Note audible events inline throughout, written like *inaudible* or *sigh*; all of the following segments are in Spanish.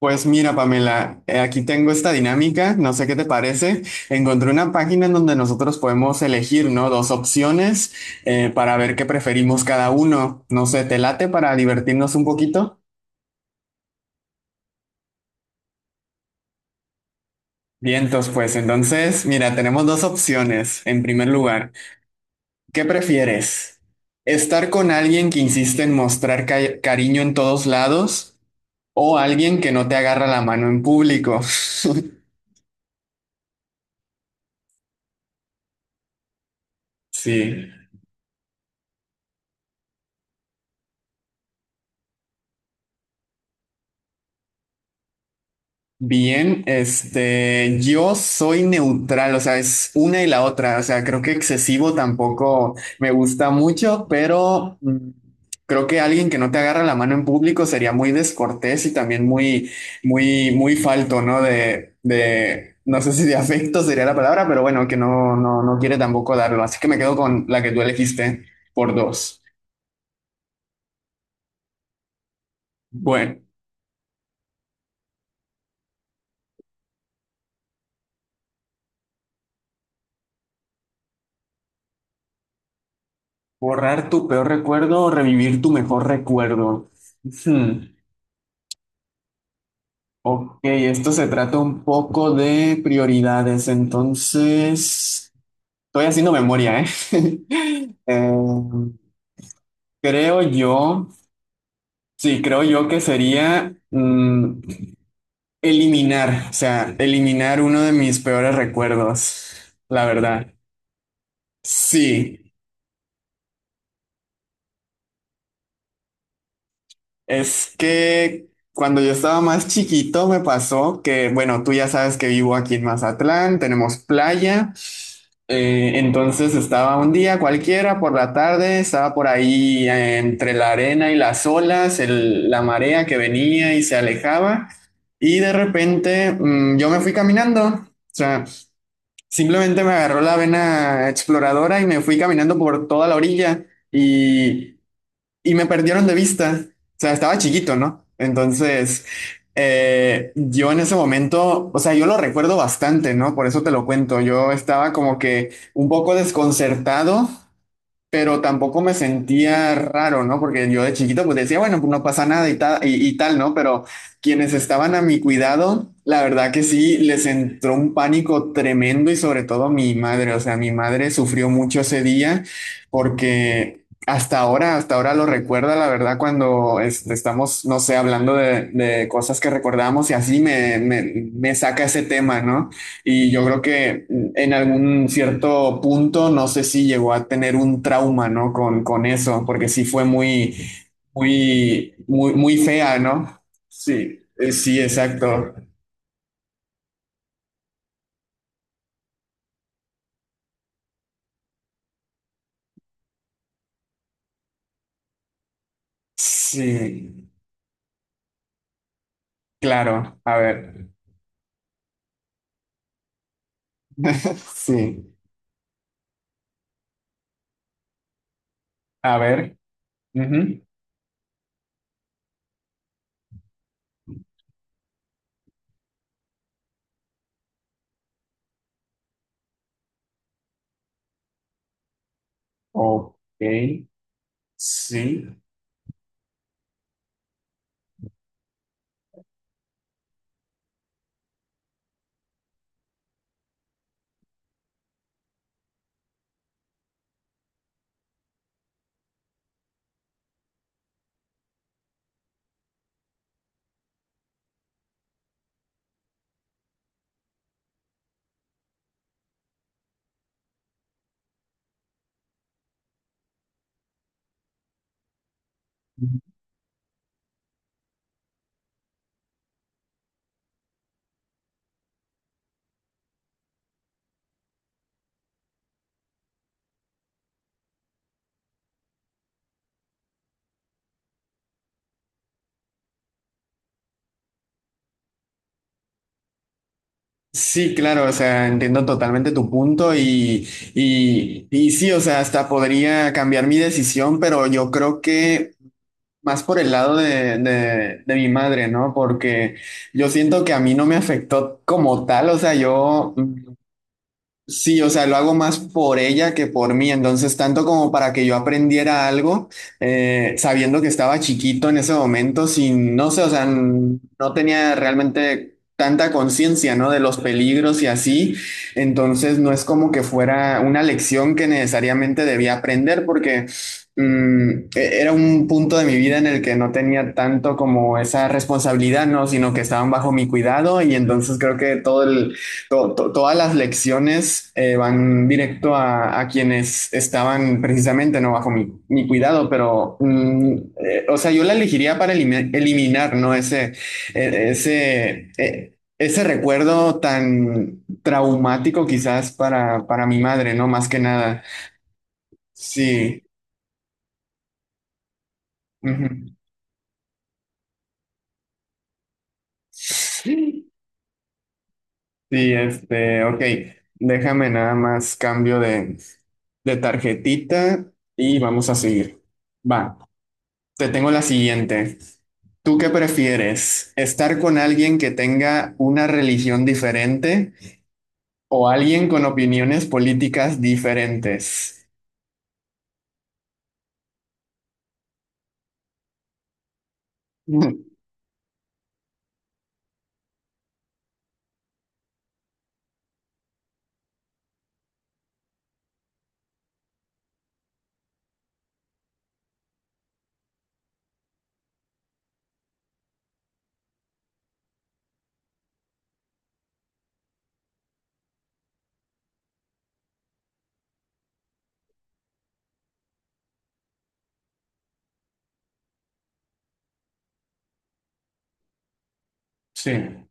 Pues mira, Pamela, aquí tengo esta dinámica, no sé qué te parece. Encontré una página en donde nosotros podemos elegir, ¿no? Dos opciones para ver qué preferimos cada uno. No sé, ¿te late para divertirnos un poquito? Vientos, pues entonces, mira, tenemos dos opciones. En primer lugar, ¿qué prefieres? ¿Estar con alguien que insiste en mostrar cariño en todos lados o alguien que no te agarra la mano en público? *laughs* Sí. Bien, este, yo soy neutral, o sea, es una y la otra, o sea, creo que excesivo tampoco me gusta mucho, pero creo que alguien que no te agarra la mano en público sería muy descortés y también muy, muy, muy falto, ¿no? No sé si de afecto sería la palabra, pero bueno, que no, no, no quiere tampoco darlo, así que me quedo con la que tú elegiste por dos. Bueno, borrar tu peor recuerdo o revivir tu mejor recuerdo. Hmm. Ok, esto se trata un poco de prioridades, entonces estoy haciendo memoria, ¿eh? *laughs* Eh, creo yo, sí, creo yo que sería eliminar, o sea, eliminar uno de mis peores recuerdos, la verdad. Sí. Es que cuando yo estaba más chiquito me pasó que, bueno, tú ya sabes que vivo aquí en Mazatlán, tenemos playa, entonces estaba un día cualquiera por la tarde, estaba por ahí entre la arena y las olas, la marea que venía y se alejaba, y de repente yo me fui caminando. O sea, simplemente me agarró la vena exploradora y me fui caminando por toda la orilla. Y y me perdieron de vista. O sea, estaba chiquito, ¿no? Entonces, yo en ese momento, o sea, yo lo recuerdo bastante, ¿no? Por eso te lo cuento. Yo estaba como que un poco desconcertado pero tampoco me sentía raro, ¿no? Porque yo de chiquito pues decía, bueno, pues no pasa nada y tal, y tal, ¿no? Pero quienes estaban a mi cuidado, la verdad que sí, les entró un pánico tremendo y sobre todo mi madre, o sea, mi madre sufrió mucho ese día porque... hasta ahora lo recuerda, la verdad, cuando este, estamos, no sé, hablando de cosas que recordamos y así me saca ese tema, ¿no? Y yo creo que en algún cierto punto, no sé si llegó a tener un trauma, ¿no? Con eso, porque sí fue muy, muy, muy, muy fea, ¿no? Sí, sí, exacto. Sí, claro. A ver. *laughs* Sí, a ver. Ujú. Ok. Sí. Sí, claro, o sea, entiendo totalmente tu punto y sí, o sea, hasta podría cambiar mi decisión, pero yo creo que más por el lado de mi madre, ¿no? Porque yo siento que a mí no me afectó como tal, o sea, yo. Sí, o sea, lo hago más por ella que por mí, entonces tanto como para que yo aprendiera algo, sabiendo que estaba chiquito en ese momento, sin, no sé, o sea, no tenía realmente tanta conciencia, ¿no? De los peligros y así, entonces no es como que fuera una lección que necesariamente debía aprender porque mm, era un punto de mi vida en el que no tenía tanto como esa responsabilidad, ¿no? Sino que estaban bajo mi cuidado y entonces creo que todo el todas las lecciones van directo a quienes estaban precisamente no bajo mi cuidado, pero o sea, yo la elegiría para eliminar, ¿no? Ese, ese recuerdo tan traumático quizás para mi madre, ¿no? Más que nada. Sí. Ujú. Sí, este, ok. Déjame nada más cambio de tarjetita y vamos a seguir. Va. Te tengo la siguiente. ¿Tú qué prefieres? ¿Estar con alguien que tenga una religión diferente o alguien con opiniones políticas diferentes? *laughs* Sí.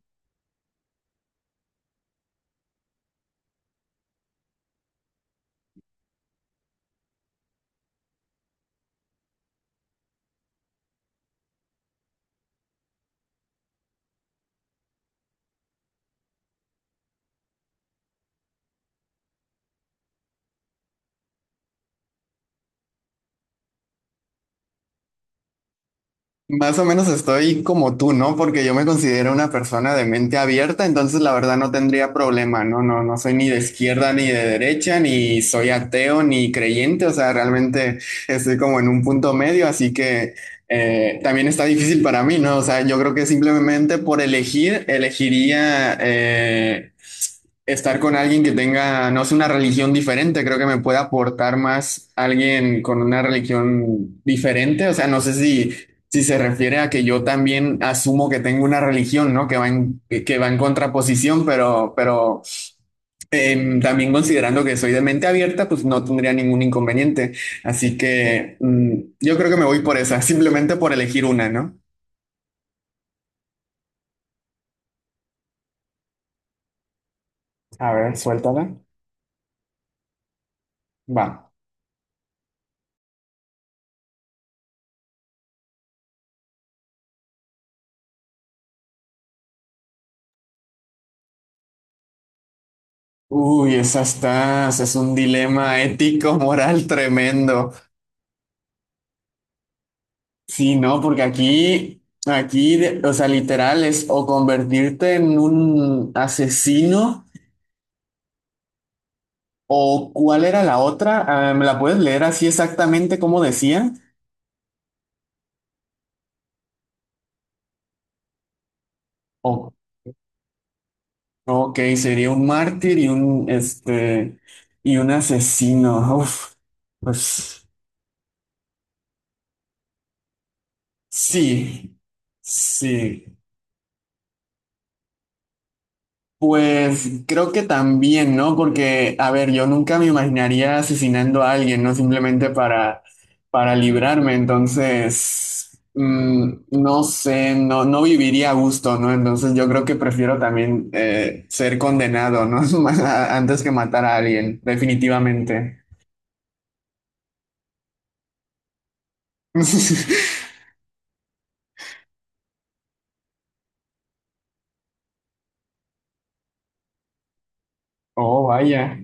Más o menos estoy como tú, ¿no? Porque yo me considero una persona de mente abierta, entonces la verdad no tendría problema, ¿no? No, no soy ni de izquierda ni de derecha, ni soy ateo ni creyente, o sea, realmente estoy como en un punto medio, así que también está difícil para mí, ¿no? O sea, yo creo que simplemente por elegir, elegiría estar con alguien que tenga, no sé, una religión diferente, creo que me puede aportar más alguien con una religión diferente, o sea, no sé si... Si se refiere a que yo también asumo que tengo una religión, ¿no? Que va en contraposición, pero también considerando que soy de mente abierta, pues no tendría ningún inconveniente. Así que yo creo que me voy por esa, *laughs* simplemente por elegir una, ¿no? A ver, suéltala. Va. Uy, esa está, ese es un dilema ético, *laughs* moral tremendo. Sí, no, porque aquí, o sea, literal es o convertirte en un asesino. ¿O cuál era la otra? Ah, ¿me la puedes leer así exactamente como decía? O- ok, sería un mártir y un, este, y un asesino. Uf, pues sí, sí. Pues creo que también, ¿no? Porque, a ver, yo nunca me imaginaría asesinando a alguien, ¿no? Simplemente para librarme. Entonces, no sé, no, no viviría a gusto, ¿no? Entonces yo creo que prefiero también ser condenado, ¿no? *laughs* Antes que matar a alguien, definitivamente. *laughs* Oh, vaya.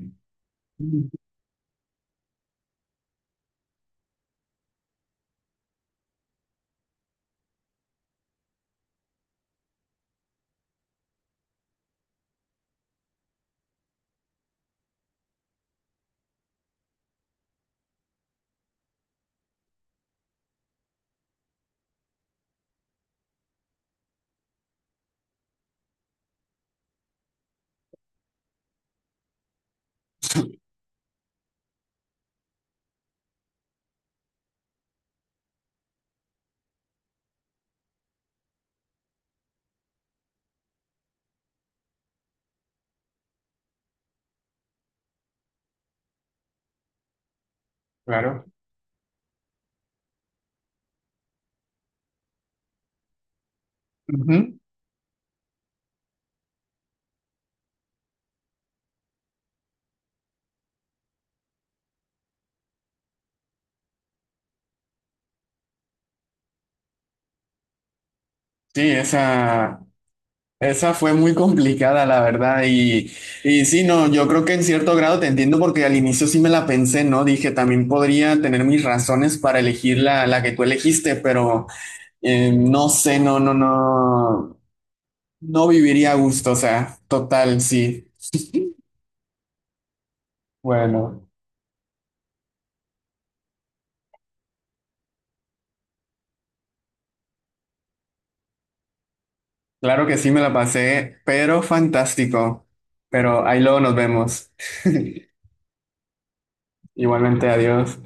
Claro. Ujú. Sí, esa. Esa fue muy complicada, la verdad. Y sí, no, yo creo que en cierto grado te entiendo porque al inicio sí me la pensé, ¿no? Dije, también podría tener mis razones para elegir la, la que tú elegiste, pero no sé, no, no, no, no viviría a gusto, o sea, total, sí. Bueno, claro que sí me la pasé, pero fantástico. Pero ahí luego nos vemos. *laughs* Igualmente, adiós.